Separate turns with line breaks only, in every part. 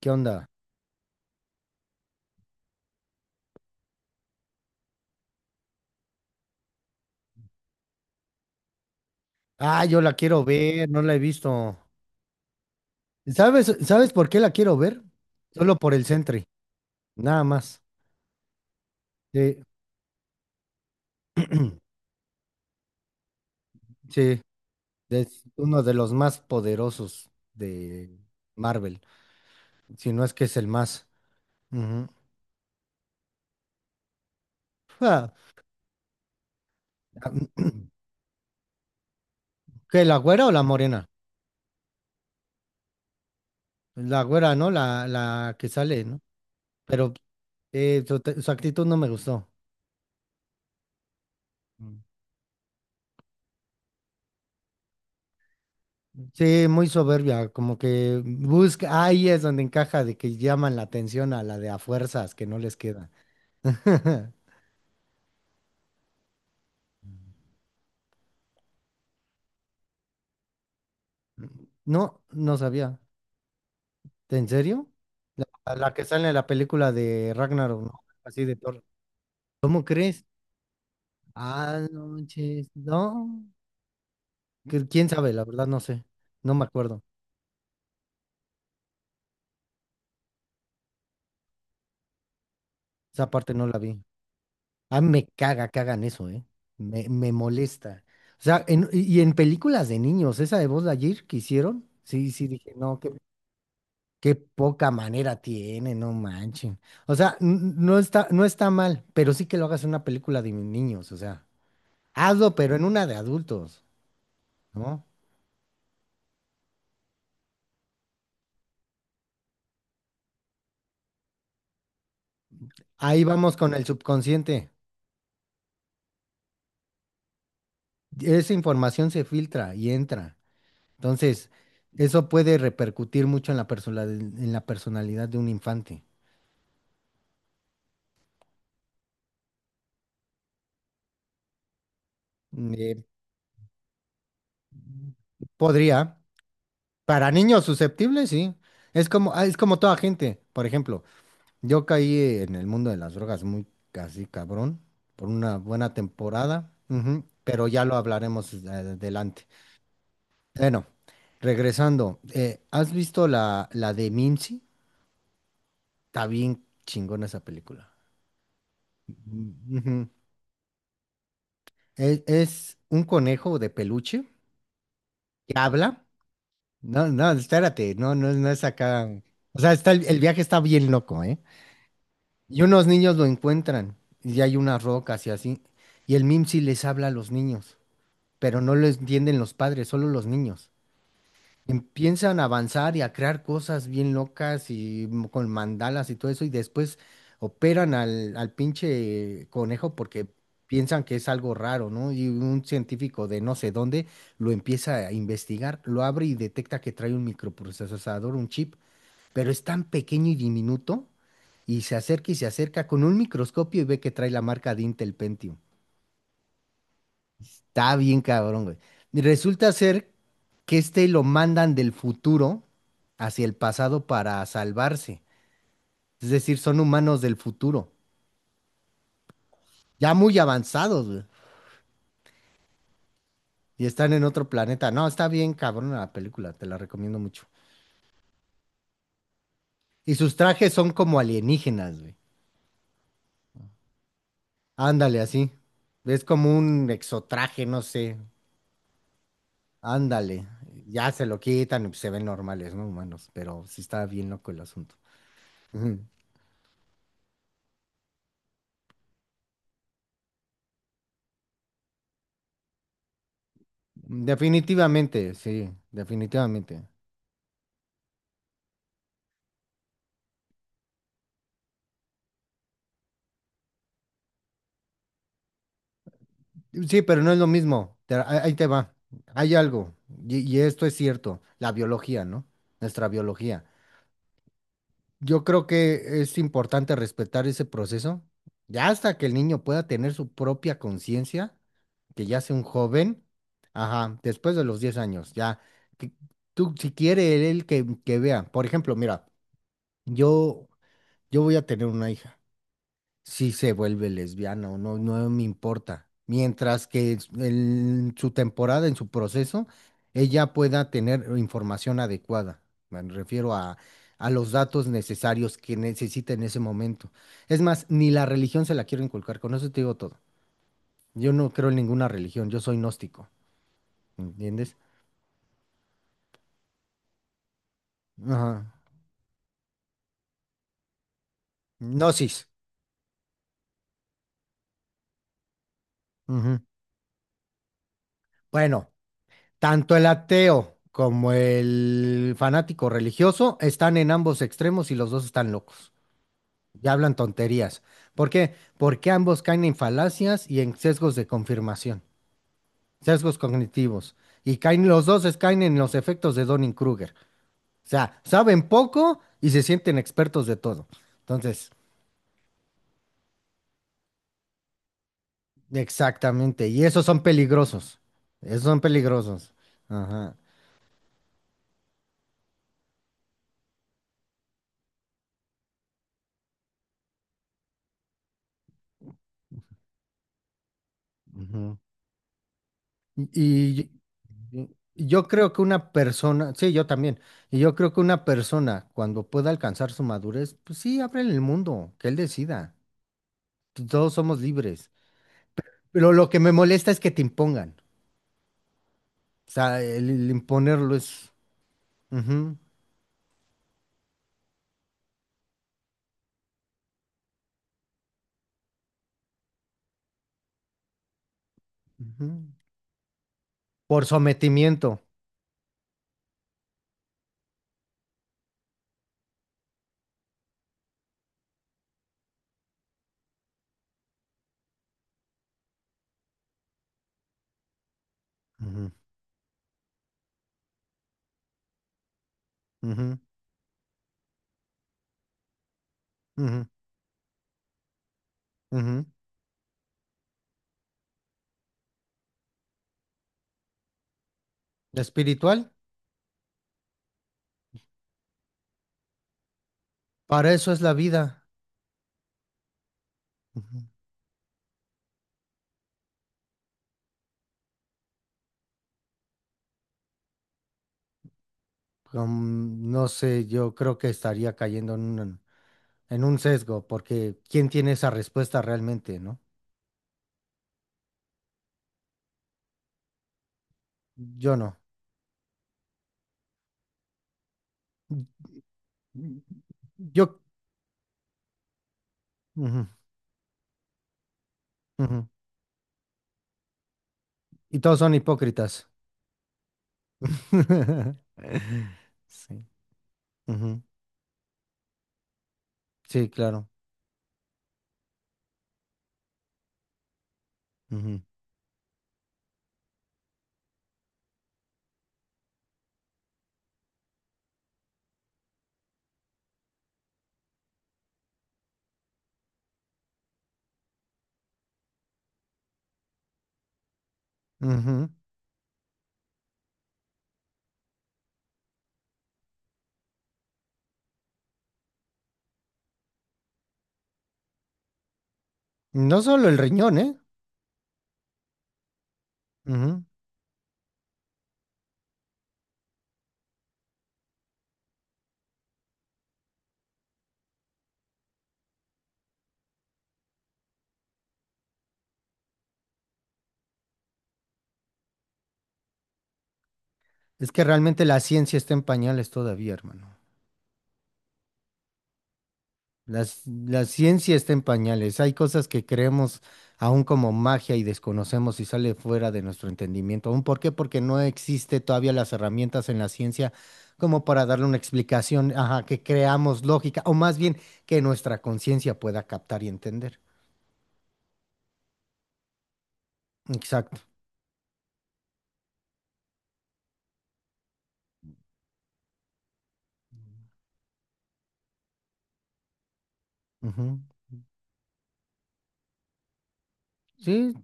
¿Qué onda? Ah, yo la quiero ver, no la he visto. ¿Sabes por qué la quiero ver? Solo por el Sentry, nada más. Sí, sí, es uno de los más poderosos de Marvel, si no es que es el más. Ujú. Ah, ¿qué, la güera o la morena? La güera, ¿no? La que sale, ¿no? Pero su actitud no me gustó. Sí, muy soberbia, como que busca, ahí es donde encaja de que llaman la atención a la de a fuerzas que no les queda. No, no sabía. ¿En serio? A la que sale en la película de Ragnarok, ¿no? Así de Thor. ¿Cómo crees? Ah, no, manches, no. ¿Quién sabe? La verdad no sé. No me acuerdo. Esa parte no la vi. Ah, me caga que hagan eso, ¿eh? Me molesta. O sea, y en películas de niños, esa de Buzz Lightyear que hicieron, sí, sí, dije, no, qué qué poca manera tiene, no manchen. O sea, no está, no está mal, pero sí que lo hagas en una película de niños, o sea, hazlo, pero en una de adultos, ¿no? Ahí vamos con el subconsciente. Esa información se filtra y entra. Entonces, eso puede repercutir mucho en en la personalidad de un infante. Mm, Eh, podría. Para niños susceptibles, sí. Es como, ah, es como toda gente, por ejemplo. Yo caí en el mundo de las drogas muy casi cabrón por una buena temporada, ujú, pero ya lo hablaremos adelante. Bueno, regresando, ¿has visto la, la de Mimsy? Está bien chingona esa película. Mm, ujú. Es un conejo de peluche que habla. No, no, espérate, no, no, no es acá. O sea, está el viaje está bien loco, ¿eh? Y unos niños lo encuentran y hay unas rocas y así. Y el Mimsy les habla a los niños, pero no lo entienden los padres, solo los niños. Empiezan a avanzar y a crear cosas bien locas y con mandalas y todo eso, y después operan al, al pinche conejo porque piensan que es algo raro, ¿no? Y un científico de no sé dónde lo empieza a investigar, lo abre y detecta que trae un microprocesador, un chip, pero es tan pequeño y diminuto, y se acerca con un microscopio y ve que trae la marca de Intel Pentium. Está bien cabrón, güey. Y resulta ser que este lo mandan del futuro hacia el pasado para salvarse. Es decir, son humanos del futuro, ya muy avanzados, güey, y están en otro planeta. No, está bien cabrón la película, te la recomiendo mucho. Y sus trajes son como alienígenas, güey. Ándale, así. Es como un exotraje, no sé. Ándale. Ya se lo quitan y pues se ven normales, ¿no? Humanos, pero sí está bien loco el asunto. Definitivamente. Sí, pero no es lo mismo. Ahí ahí te va. Hay algo, y esto es cierto, la biología, ¿no? Nuestra biología. Yo creo que es importante respetar ese proceso, ya hasta que el niño pueda tener su propia conciencia, que ya sea un joven, ajá, después de los 10 años, ya. Que tú, si quiere él que vea, por ejemplo, mira, yo, yo voy a tener una hija. Si se vuelve lesbiana o no, no me importa. Mientras que en su temporada, en su proceso, ella pueda tener información adecuada. Me refiero a los datos necesarios que necesita en ese momento. Es más, ni la religión se la quiero inculcar, con eso te digo todo. Yo no creo en ninguna religión, yo soy gnóstico, ¿entiendes? Ajá. Gnosis. Ujú. Bueno. Tanto el ateo como el fanático religioso están en ambos extremos y los dos están locos. Ya hablan tonterías. ¿Por qué? Porque ambos caen en falacias y en sesgos de confirmación, sesgos cognitivos. Y caen, los dos caen en los efectos de Dunning-Kruger. O sea, saben poco y se sienten expertos de todo. Entonces, exactamente. Y esos son peligrosos. Esos son peligrosos. Ajá. Y y yo creo que una persona, sí, yo también, y yo creo que una persona cuando pueda alcanzar su madurez, pues sí, ábrele el mundo, que él decida. Todos somos libres. Pero lo que me molesta es que te impongan. O sea, el imponerlo es ujú, ujú, por sometimiento. Ujú, ujú, ujú, ujú. Espiritual, para eso es la vida. Ujú. No sé, yo creo que estaría cayendo en una, en un sesgo, porque ¿quién tiene esa respuesta realmente, no? Yo no. Yo. Ujú, ujú. Y todos son hipócritas. Sí. Ujú. Sí, claro. Ujú, ujú. No solo el riñón, ¿eh? Ujú. Es que realmente la ciencia está en pañales todavía, hermano. La, la ciencia está en pañales. Hay cosas que creemos aún como magia y desconocemos y sale fuera de nuestro entendimiento. ¿Aún por qué? Porque no existe todavía las herramientas en la ciencia como para darle una explicación, ajá, que creamos lógica o más bien que nuestra conciencia pueda captar y entender. Exacto. Ujú. Sí,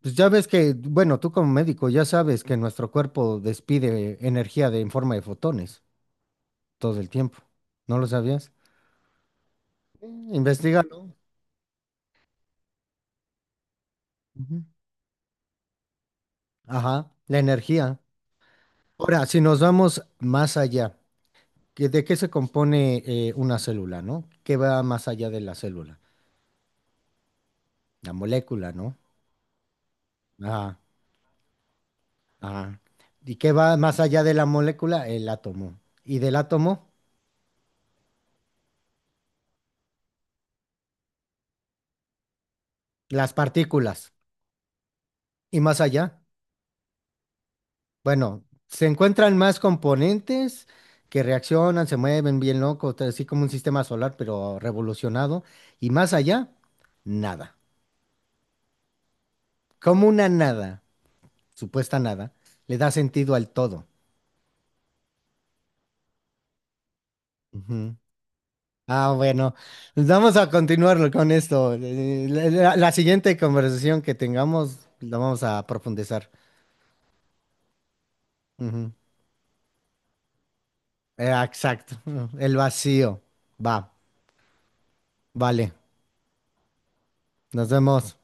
pues ya ves que, bueno, tú como médico ya sabes que nuestro cuerpo despide energía de, en forma de fotones todo el tiempo. ¿No lo sabías? Investígalo. Ajá, la energía. Ahora, si nos vamos más allá, ¿que- ¿de qué se compone una célula, no? ¿Qué va más allá de la célula? La molécula, ¿no? Ajá, ajá. ¿Y qué va más allá de la molécula? El átomo. ¿Y del átomo? Las partículas. ¿Y más allá? Bueno, se encuentran más componentes que reaccionan, se mueven bien loco, así como un sistema solar, pero revolucionado. ¿Y más allá? Nada. Como una nada. Supuesta nada le da sentido al todo. Ujú. Ah, bueno, pues vamos a continuar con esto. La, la siguiente conversación que tengamos la vamos a profundizar. Ujú. Exacto, el vacío. Va, vale, nos vemos.